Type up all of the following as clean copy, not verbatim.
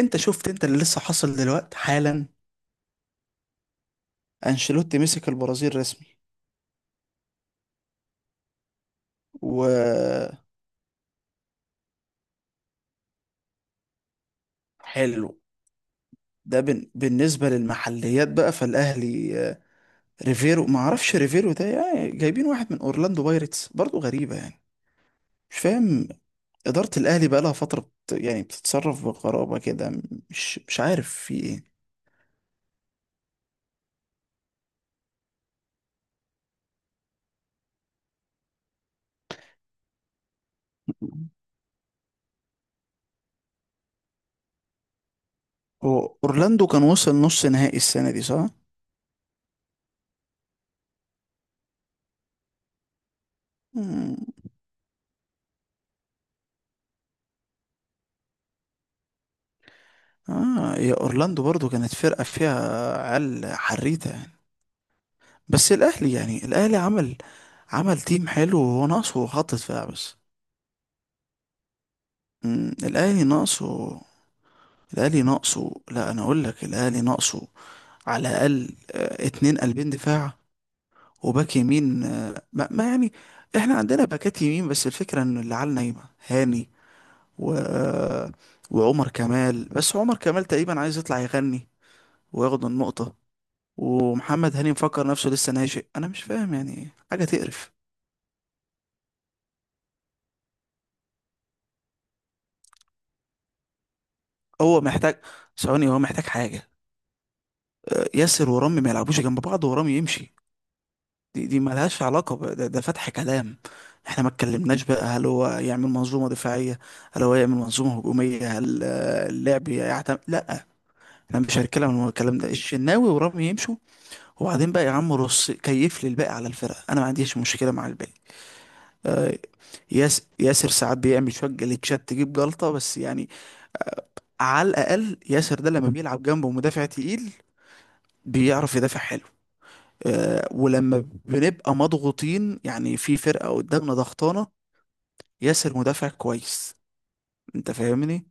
انت شفت انت اللي لسه حاصل دلوقتي حالا. انشيلوتي مسك البرازيل رسمي. وحلو. ده بالنسبة للمحليات بقى، فالأهلي، ريفيرو. ما اعرفش ريفيرو ده، يعني جايبين واحد من أورلاندو بايرتس، برضه غريبة يعني. مش فاهم. إدارة الأهلي بقى لها فترة يعني بتتصرف بغرابة كده، مش عارف في إيه. هو أورلاندو كان وصل نص نهائي السنة دي صح؟ مم. آه، يا أورلاندو برضه كانت فرقة فيها عيال حريتة يعني. بس الاهلي يعني الاهلي عمل تيم حلو، وهو ناقصه خط دفاع بس. الاهلي ناقصه. الاهلي ناقصه، لا انا اقول لك الاهلي ناقصه، على الاقل اتنين قلبين دفاع وباك يمين، ما يعني. احنا عندنا باكات يمين، بس الفكره ان اللي على نايمه هاني و آه، وعمر كمال، بس عمر كمال تقريبا عايز يطلع يغني وياخد النقطه، ومحمد هاني مفكر نفسه لسه ناشئ. انا مش فاهم يعني، حاجه تقرف. هو محتاج، ثواني، هو محتاج حاجة، ياسر ورامي ما يلعبوش جنب بعض، ورامي يمشي. دي مالهاش علاقة ده فتح كلام، احنا ما اتكلمناش بقى. هل هو يعمل منظومة دفاعية؟ هل هو يعمل منظومة هجومية؟ هل اللعب يعتمد؟ لا، احنا مش هنتكلم عن الكلام ده، الشناوي ورامي يمشوا. وبعدين بقى يا عم رص كيف لي الباقي على الفرقة، انا ما عنديش مشكلة مع الباقي. آه، ياسر ساعات بيعمل شوية جليتشات تجيب جلطة بس يعني. على الأقل ياسر ده لما بيلعب جنبه مدافع تقيل بيعرف يدافع حلو، ولما بنبقى مضغوطين، يعني في فرقة قدامنا ضغطانة، ياسر مدافع كويس. انت فاهمني.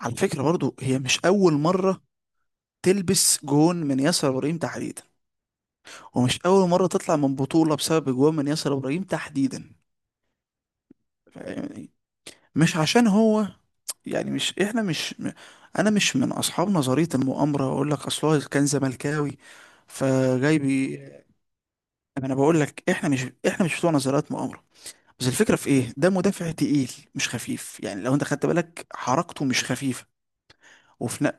على فكرة برضو، هي مش أول مرة تلبس جون من ياسر إبراهيم تحديدا، ومش أول مرة تطلع من بطولة بسبب جون من ياسر إبراهيم تحديدا. فاهمني؟ مش عشان هو، يعني مش احنا مش انا مش من اصحاب نظرية المؤامرة، اقول لك اصل هو كان زملكاوي فجاي بي. انا بقول لك، احنا مش بتوع نظريات مؤامرة. بس الفكرة في ايه، ده مدافع تقيل مش خفيف يعني، لو انت خدت بالك حركته مش خفيفة. وفي ن...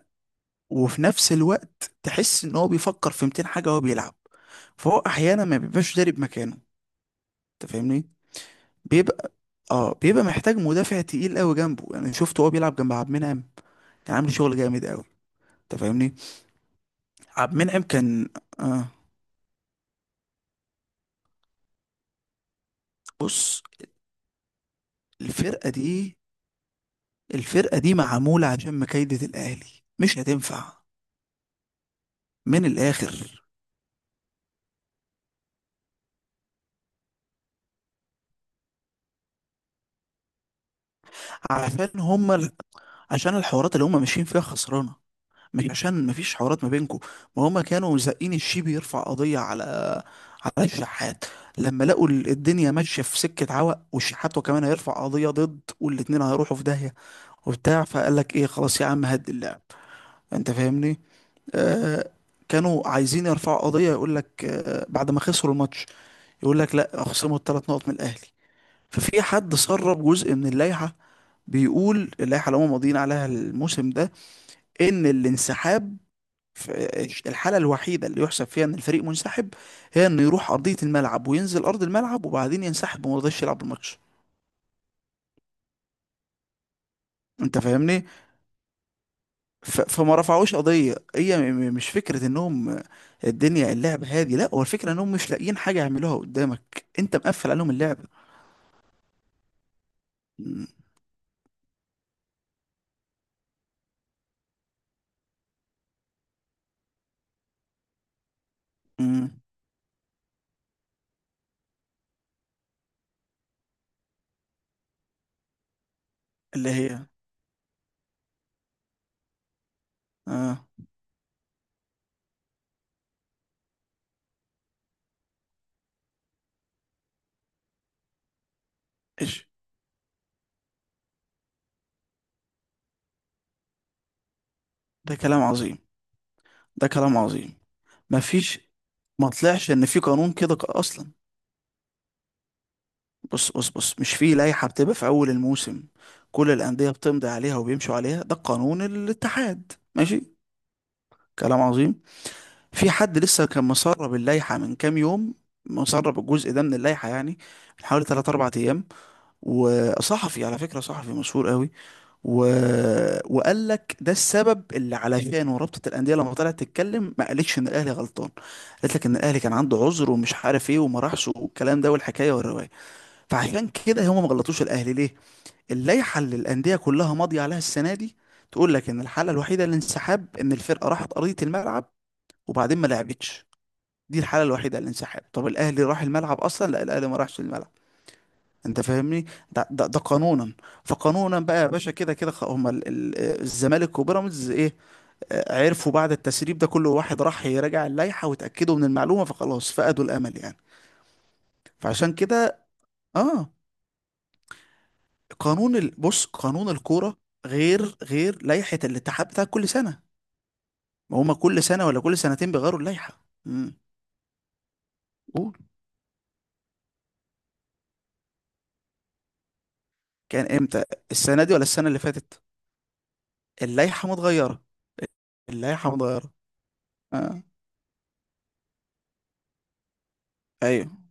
وفي نفس الوقت تحس ان هو بيفكر في 200 حاجة وهو بيلعب، فهو احيانا ما بيبقاش داري بمكانه. انت فاهمني. بيبقى اه بيبقى محتاج مدافع تقيل قوي جنبه، يعني شفته هو بيلعب جنب عبد المنعم، كان عامل شغل جامد قوي. انت فاهمني. عبد المنعم كان. آه، بص، الفرقة دي الفرقة دي معمولة عشان مكايدة الاهلي، مش هتنفع. من الاخر. عشان هما عشان الحوارات اللي هم ماشيين فيها خسرانه، مش عشان مفيش حوارات ما بينكم. ما هم كانوا زقين الشيبي يرفع قضيه على الشحات، لما لقوا الدنيا ماشيه في سكه عوق، والشحات وكمان هيرفع قضيه ضد، والاتنين هيروحوا في داهيه، وبتاع، فقال لك ايه، خلاص يا عم هد اللعب. انت فاهمني. آه، كانوا عايزين يرفعوا قضيه، يقول لك آه بعد ما خسروا الماتش يقول لك لا، خصموا الثلاث نقط من الاهلي. ففي حد سرب جزء من اللائحه، بيقول اللائحه اللي هم ماضيين عليها الموسم ده، ان الانسحاب، الحالة الوحيدة اللي يحسب فيها ان الفريق منسحب هي انه يروح ارضية الملعب وينزل ارض الملعب وبعدين ينسحب وما رضاش يلعب الماتش. انت فاهمني. فما رفعوش قضية، هي مش فكرة انهم الدنيا اللعب هادي، لا، هو الفكرة انهم مش لاقيين حاجة يعملوها قدامك، انت مقفل عليهم اللعبة. م- م- اللي هي، اه ايش، ده كلام عظيم. ده كلام عظيم، مفيش. ما طلعش ان في قانون كده اصلا. بص بص بص، مش في لائحة بتبقى في أول الموسم كل الأندية بتمضي عليها وبيمشوا عليها؟ ده قانون الاتحاد ماشي، كلام عظيم. في حد لسه كان مسرب اللائحة من كام يوم، مسرب الجزء ده من اللائحة يعني، من حوالي 3 4 أيام، وصحفي على فكرة، صحفي مشهور قوي. و... وقال لك ده السبب اللي علشانه رابطة الأندية لما طلعت تتكلم ما قالتش إن الأهلي غلطان، قالت لك إن الأهلي كان عنده عذر ومش عارف إيه وما راحش، والكلام ده والحكاية والرواية. فعشان كده هم ما غلطوش الأهلي، ليه؟ اللائحة اللي الأندية كلها ماضية عليها السنة دي تقول لك إن الحالة الوحيدة للانسحاب إن الفرقة راحت أرضية الملعب وبعدين ما لعبتش. دي الحالة الوحيدة للانسحاب، طب الأهلي راح الملعب أصلا؟ لا، الأهلي ما راحش الملعب. أنت فاهمني. ده قانونا، فقانونا بقى يا باشا، كده كده هما الزمالك وبيراميدز إيه، عرفوا بعد التسريب ده كل واحد راح يراجع اللائحة وتأكدوا من المعلومة، فخلاص فقدوا الأمل يعني. فعشان كده، آه بص، قانون الكورة غير لائحة الاتحاد بتاع كل سنة، ما هما كل سنة ولا كل سنتين بيغيروا اللائحة. مم. قول. كان امتى، السنة دي ولا السنة اللي فاتت؟ اللائحة متغيرة، اللائحة متغيرة آه. ايوه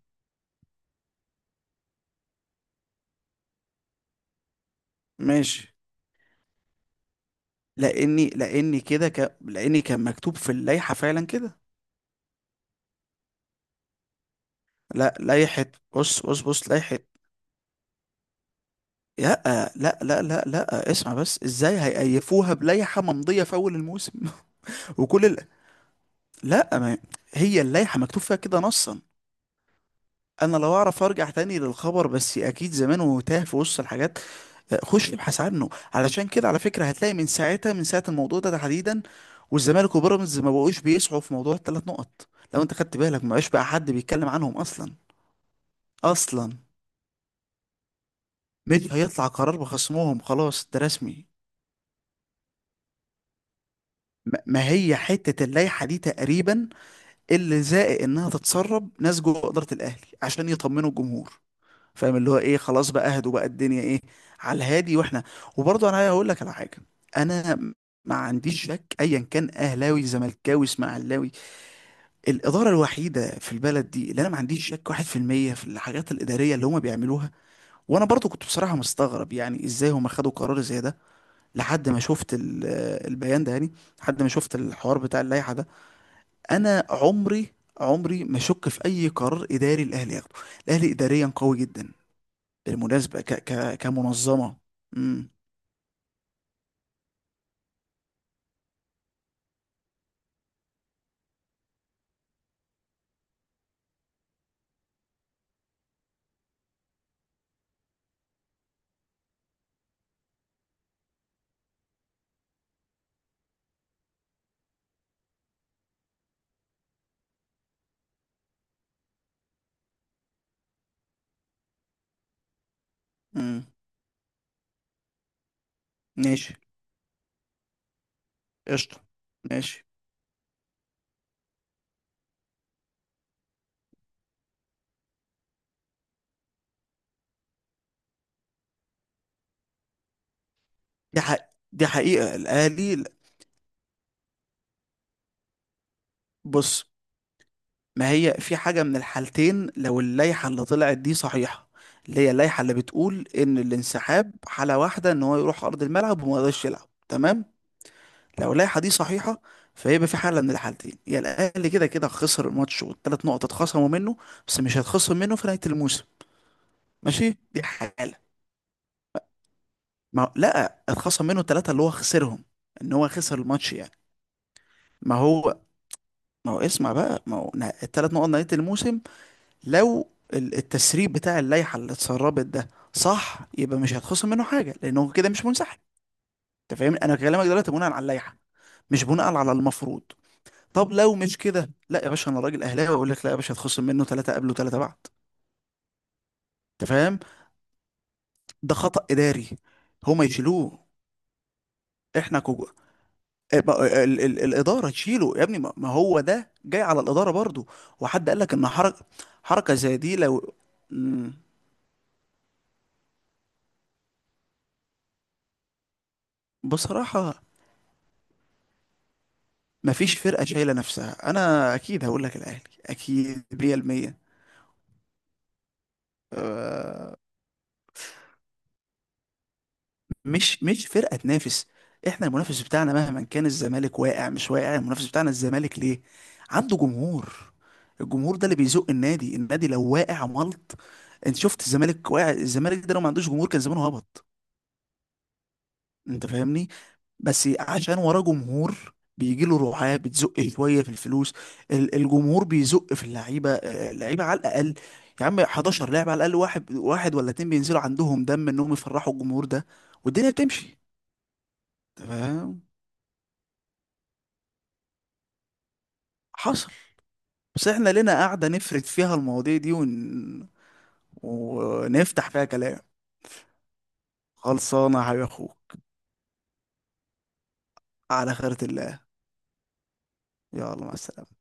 ماشي، لاني كان مكتوب في اللائحة فعلا كده. لا، لائحة. بص بص بص، لائحة. لا لا لا لا لا، اسمع بس، ازاي هيقيفوها بلائحة ممضية في اول الموسم؟ وكل ال... لا ما... هي اللائحة مكتوب فيها كده نصا. انا لو اعرف ارجع تاني للخبر، بس اكيد زمان وتاه في وسط الحاجات، خش ابحث عنه. علشان كده على فكره، هتلاقي من ساعتها، من ساعه الموضوع ده تحديدا، والزمالك وبيراميدز ما بقوش بيسعوا في موضوع الثلاث نقط، لو انت خدت بالك ما بقاش بقى حد بيتكلم عنهم اصلا. اصلا مش هيطلع قرار بخصمهم، خلاص ده رسمي. ما هي حته اللائحه دي تقريبا اللي زائق انها تتسرب ناس جوه اداره الاهلي عشان يطمنوا الجمهور. فاهم، اللي هو ايه، خلاص بقى اهدوا بقى الدنيا ايه، على الهادي. واحنا وبرضه انا هقول لك على حاجه. انا ما عنديش شك، ايا كان اهلاوي زملكاوي اسماعيلاوي، الاداره الوحيده في البلد دي اللي انا ما عنديش شك 1% في المية في الحاجات الاداريه اللي هم بيعملوها. وانا برضو كنت بصراحه مستغرب يعني ازاي هم خدوا قرار زي ده لحد ما شفت البيان ده يعني، لحد ما شفت الحوار بتاع اللائحه ده. انا عمري، عمري ما شك في اي قرار اداري الاهلي ياخده، الاهلي اداريا قوي جدا بالمناسبة، ك ك كمنظمة. امم، امم، ماشي قشطة، ماشي. دي حق دي حقيقة الأهلي. بص، ما هي في حاجة من الحالتين، لو اللائحة اللي طلعت دي صحيحة، اللي هي اللائحة اللي بتقول إن الانسحاب حالة واحدة، إن هو يروح أرض الملعب وما يقدرش يلعب، تمام. لو اللائحة دي صحيحة فيبقى في حالة من الحالتين، يا الأهلي كده كده خسر الماتش والثلاث نقط اتخصموا منه، بس مش هيتخصم منه في نهاية الموسم. ماشي، دي حالة، ما لا، اتخصم منه ثلاثة اللي هو خسرهم، ان هو خسر الماتش يعني. ما هو ما هو اسمع بقى، ما هو الثلاث نقط نهاية الموسم لو التسريب بتاع اللائحة اللي اتسربت ده صح، يبقى مش هيتخصم منه حاجة لأنه كده مش منسحب. أنت فاهم، أنا كلامك دلوقتي بناء على اللائحة، مش بناء على المفروض. طب لو مش كده، لا يا باشا، أنا راجل أهلاوي أقول لك لا يا باشا، هتخصم منه ثلاثة قبل وثلاثة بعد. أنت فاهم. ده خطأ إداري، هما يشيلوه. احنا إيه الاداره تشيله يا ابني، ما هو ده جاي على الاداره برضو. وحد قال لك ان حركه زي دي لو مم، بصراحه. ما فيش فرقه شايله نفسها، انا اكيد هقول لك الاهلي، اكيد 100%. مش فرقه تنافس. احنا المنافس بتاعنا مهما كان الزمالك واقع مش واقع، المنافس بتاعنا الزمالك ليه؟ عنده جمهور، الجمهور ده اللي بيزق النادي. النادي لو واقع ملط، انت شفت الزمالك واقع، الزمالك ده لو ما عندوش جمهور كان زمانه هبط. انت فاهمني. بس عشان وراه جمهور بيجي له رعاة بتزق شويه في الفلوس، الجمهور بيزق في اللعيبه على الاقل. يا عم 11 لاعب على الاقل، واحد واحد ولا اتنين بينزلوا عندهم دم انهم يفرحوا الجمهور ده، والدنيا بتمشي. تمام، حصل. بس احنا لنا قاعده نفرد فيها المواضيع دي ونفتح فيها كلام. خلصانه يا حبيب اخوك، على خيرة الله. يلا مع السلامه.